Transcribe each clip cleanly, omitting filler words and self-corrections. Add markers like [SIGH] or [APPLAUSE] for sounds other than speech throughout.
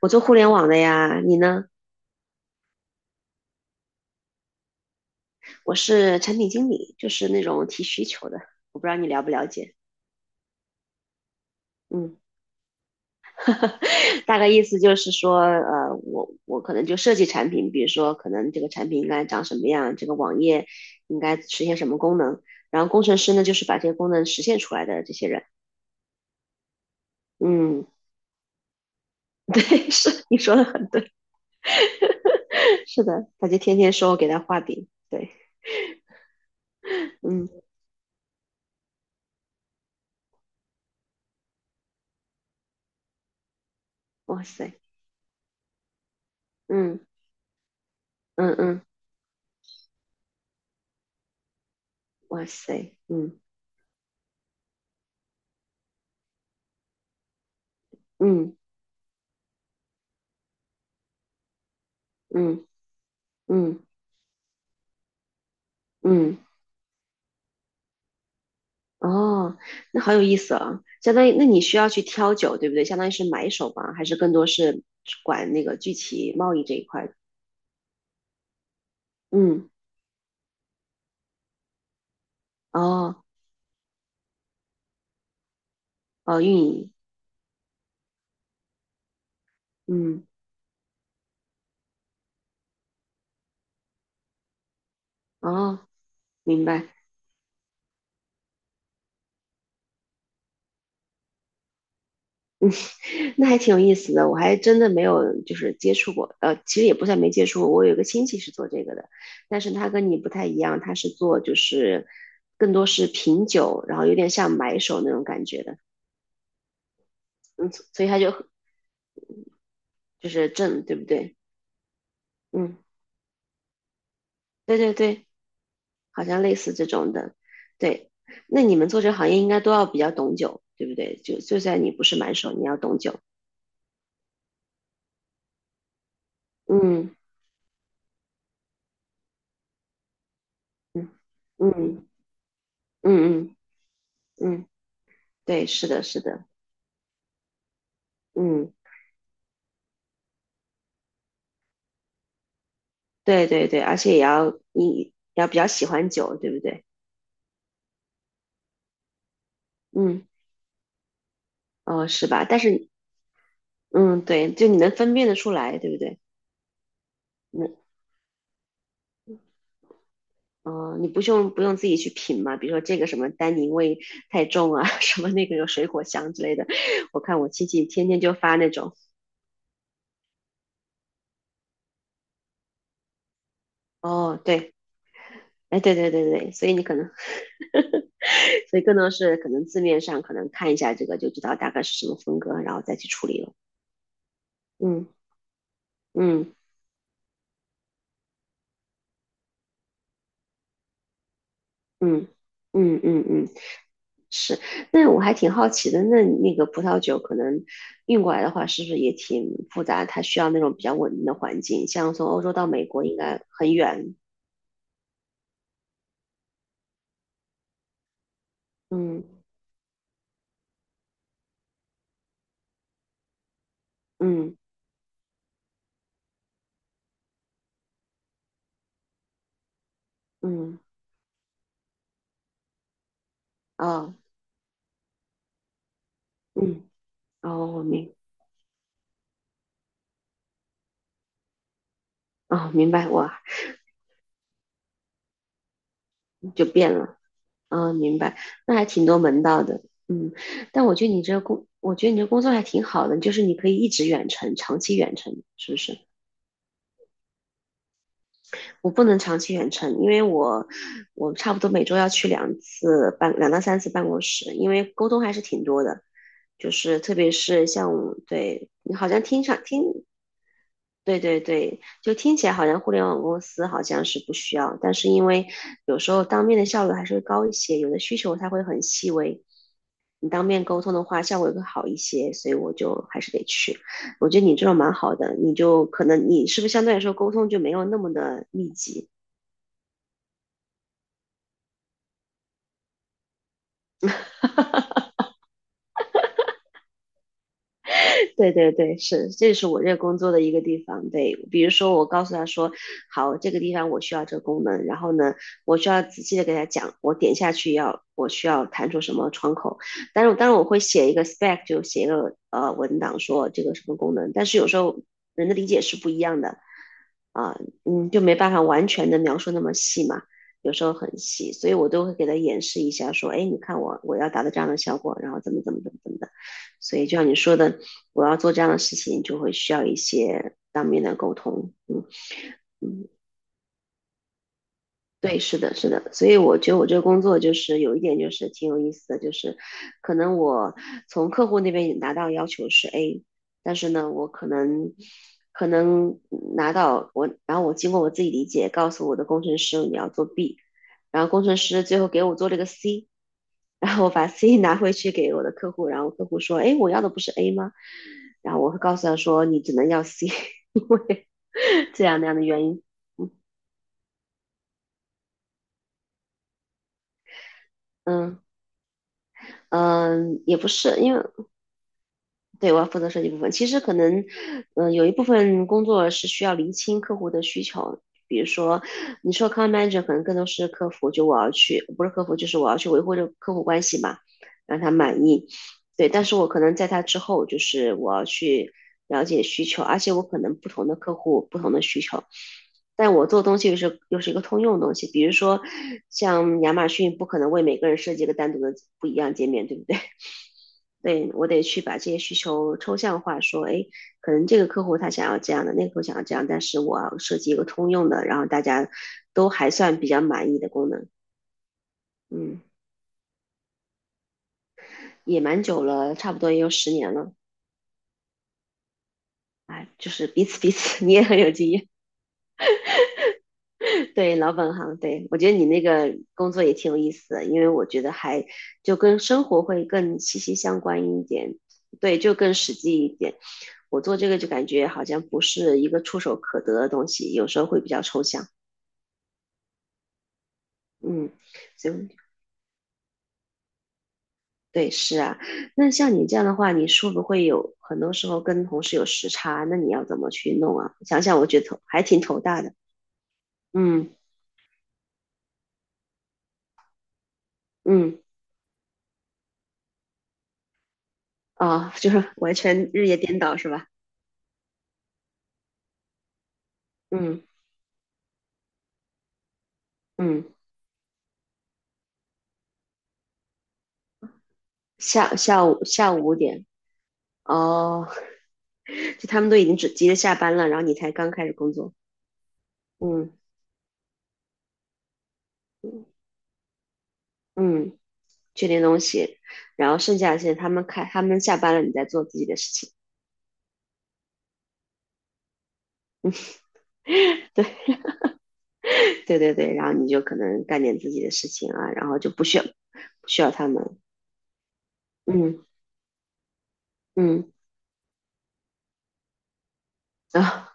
我做互联网的呀，你呢？我是产品经理，就是那种提需求的。我不知道你了不了解，嗯，[LAUGHS] 大概意思就是说，我可能就设计产品，比如说可能这个产品应该长什么样，这个网页应该实现什么功能，然后工程师呢就是把这些功能实现出来的这些人。嗯，[LAUGHS] 对，是你说的很对，[LAUGHS] 是的，他就天天说我给他画饼，对，嗯，哇塞，嗯嗯嗯，哇塞，嗯嗯嗯嗯嗯。哦，那好有意思啊！相当于，那你需要去挑酒，对不对？相当于是买手吧，还是更多是管那个具体贸易这一块？嗯，哦，哦，运营，嗯，哦，明白，那还挺有意思的。我还真的没有就是接触过，其实也不算没接触过。我有一个亲戚是做这个的，但是他跟你不太一样，他是做就是更多是品酒，然后有点像买手那种感觉的，嗯，所以他就是挣，对不对？嗯，对对对。好像类似这种的。对，那你们做这个行业应该都要比较懂酒，对不对？就算你不是满手，你要懂酒。嗯嗯嗯嗯嗯嗯，对，是的，是的，嗯，对对对，而且也要你要比较喜欢酒，对不对？嗯，哦，是吧？但是，嗯，对，就你能分辨得出来，对不对？那，哦，你不用自己去品嘛？比如说这个什么单宁味太重啊，[LAUGHS] 什么那个有水果香之类的。我看我亲戚天天就发那种，哦，对，哎，对对对对，所以你可能，[LAUGHS] 所以更多是可能字面上可能看一下这个就知道大概是什么风格，然后再去处理了。嗯嗯嗯嗯嗯嗯，是。那我还挺好奇的，那个葡萄酒可能运过来的话，是不是也挺复杂？它需要那种比较稳定的环境，像从欧洲到美国应该很远。嗯嗯嗯，哦嗯哦，哦明白，哇，就变了。嗯，明白，那还挺多门道的，嗯，但我觉得你这个工，我觉得你这工作还挺好的，就是你可以一直远程，长期远程，是不是？我不能长期远程，因为我差不多每周要去2到3次办公室，因为沟通还是挺多的，就是特别是像我对你好像听上听，对对对，就听起来好像互联网公司好像是不需要，但是因为有时候当面的效率还是会高一些，有的需求它会很细微。你当面沟通的话，效果会好一些，所以我就还是得去。我觉得你这种蛮好的，你就可能你是不是相对来说沟通就没有那么的密集，[LAUGHS] 对对对，是，这是我这个工作的一个地方。对，比如说我告诉他说，好，这个地方我需要这个功能，然后呢，我需要仔细的给他讲，我点下去我需要弹出什么窗口。但是当然我会写一个 spec，就写一个文档说这个什么功能。但是有时候人的理解是不一样的啊、就没办法完全的描述那么细嘛。有时候很细，所以我都会给他演示一下，说，哎，你看我要达到这样的效果，然后怎么怎么怎么怎么的。所以就像你说的，我要做这样的事情，就会需要一些当面的沟通。嗯，对，是的，是的。所以我觉得我这个工作就是有一点就是挺有意思的，就是可能我从客户那边拿到要求是 A，但是呢，我可能拿到我，然后我经过我自己理解，告诉我的工程师你要做 B，然后工程师最后给我做了个 C。然后我把 C [LAUGHS] 拿回去给我的客户，然后客户说：“哎，我要的不是 A 吗？”然后我会告诉他说：“你只能要 C。”这样那样的原因。嗯嗯，也不是，因为对，我要负责设计部分。其实可能，有一部分工作是需要厘清客户的需求。比如说，你说 account manager 可能更多是客服，就我要去，不是客服，就是我要去维护这个客户关系嘛，让他满意。对，但是我可能在他之后，就是我要去了解需求，而且我可能不同的客户不同的需求，但我做东西又是一个通用的东西。比如说，像亚马逊不可能为每个人设计一个单独的不一样界面，对不对？对，我得去把这些需求抽象化，说，哎，可能这个客户他想要这样的，那个客户想要这样，但是我要设计一个通用的，然后大家都还算比较满意的功能。嗯，也蛮久了，差不多也有10年了，哎，就是彼此彼此，你也很有经验。[LAUGHS] 对，老本行，对，我觉得你那个工作也挺有意思的，因为我觉得还就跟生活会更息息相关一点，对，就更实际一点。我做这个就感觉好像不是一个触手可得的东西，有时候会比较抽象。嗯，就对，是啊。那像你这样的话，你是不会有很多时候跟同事有时差？那你要怎么去弄啊？想想我觉得头还挺头大的。嗯嗯，啊，[LAUGHS] 就是完全日夜颠倒是吧？嗯嗯。下午5点哦，[LAUGHS] 就他们都已经只急着下班了，然后你才刚开始工作。嗯嗯，确定东西，然后剩下的时他们开他们下班了，你在做自己的事情。[LAUGHS] 对对对对，然后你就可能干点自己的事情啊，然后就不需要他们。嗯嗯啊，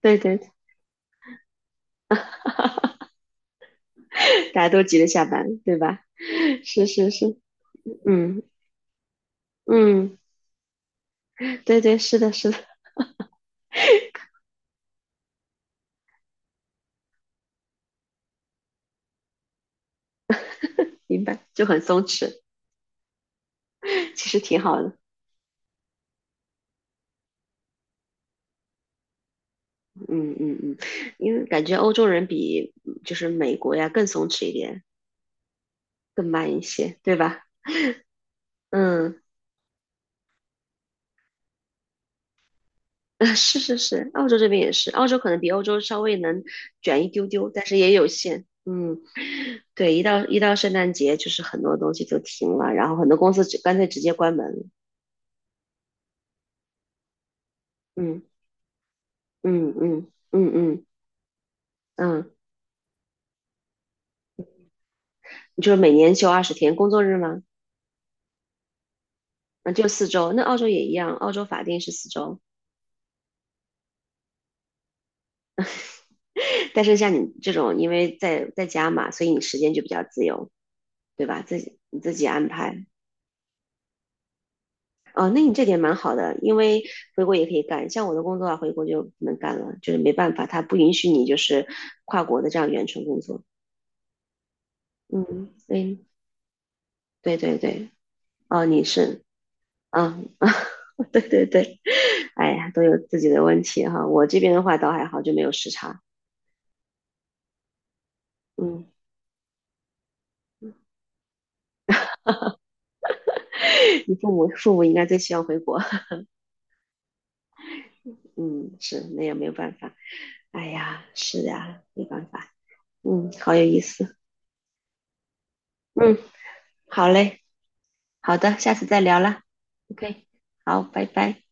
对对，[LAUGHS] 大家都急着下班，对吧？[LAUGHS] 是是是，嗯嗯，对对，是的是的，明白，就很松弛，[LAUGHS] 其实挺好的。嗯嗯嗯，因为感觉欧洲人比就是美国呀更松弛一点，更慢一些，对吧？嗯，[LAUGHS] 是是是，澳洲这边也是，澳洲可能比欧洲稍微能卷一丢丢，但是也有限。嗯，对，一到圣诞节，就是很多东西就停了，然后很多公司干脆直接关门了。嗯嗯嗯嗯嗯嗯。你就是每年休20天工作日吗？嗯，就四周。那澳洲也一样，澳洲法定是四周。[LAUGHS] 但是像你这种，因为在家嘛，所以你时间就比较自由，对吧？你自己安排。哦，那你这点蛮好的，因为回国也可以干。像我的工作啊，回国就不能干了，就是没办法，他不允许你就是跨国的这样远程工作。嗯，对，对对对。哦，你是，啊啊，[LAUGHS] 对对对。哎呀，都有自己的问题哈。我这边的话倒还好，就没有时差。嗯，[LAUGHS] 你父母应该最希望回国。[LAUGHS] 嗯，是，那也没有办法。哎呀，是呀，没办法。嗯，好有意思。嗯，好嘞，好的，下次再聊啦。OK，好，拜拜。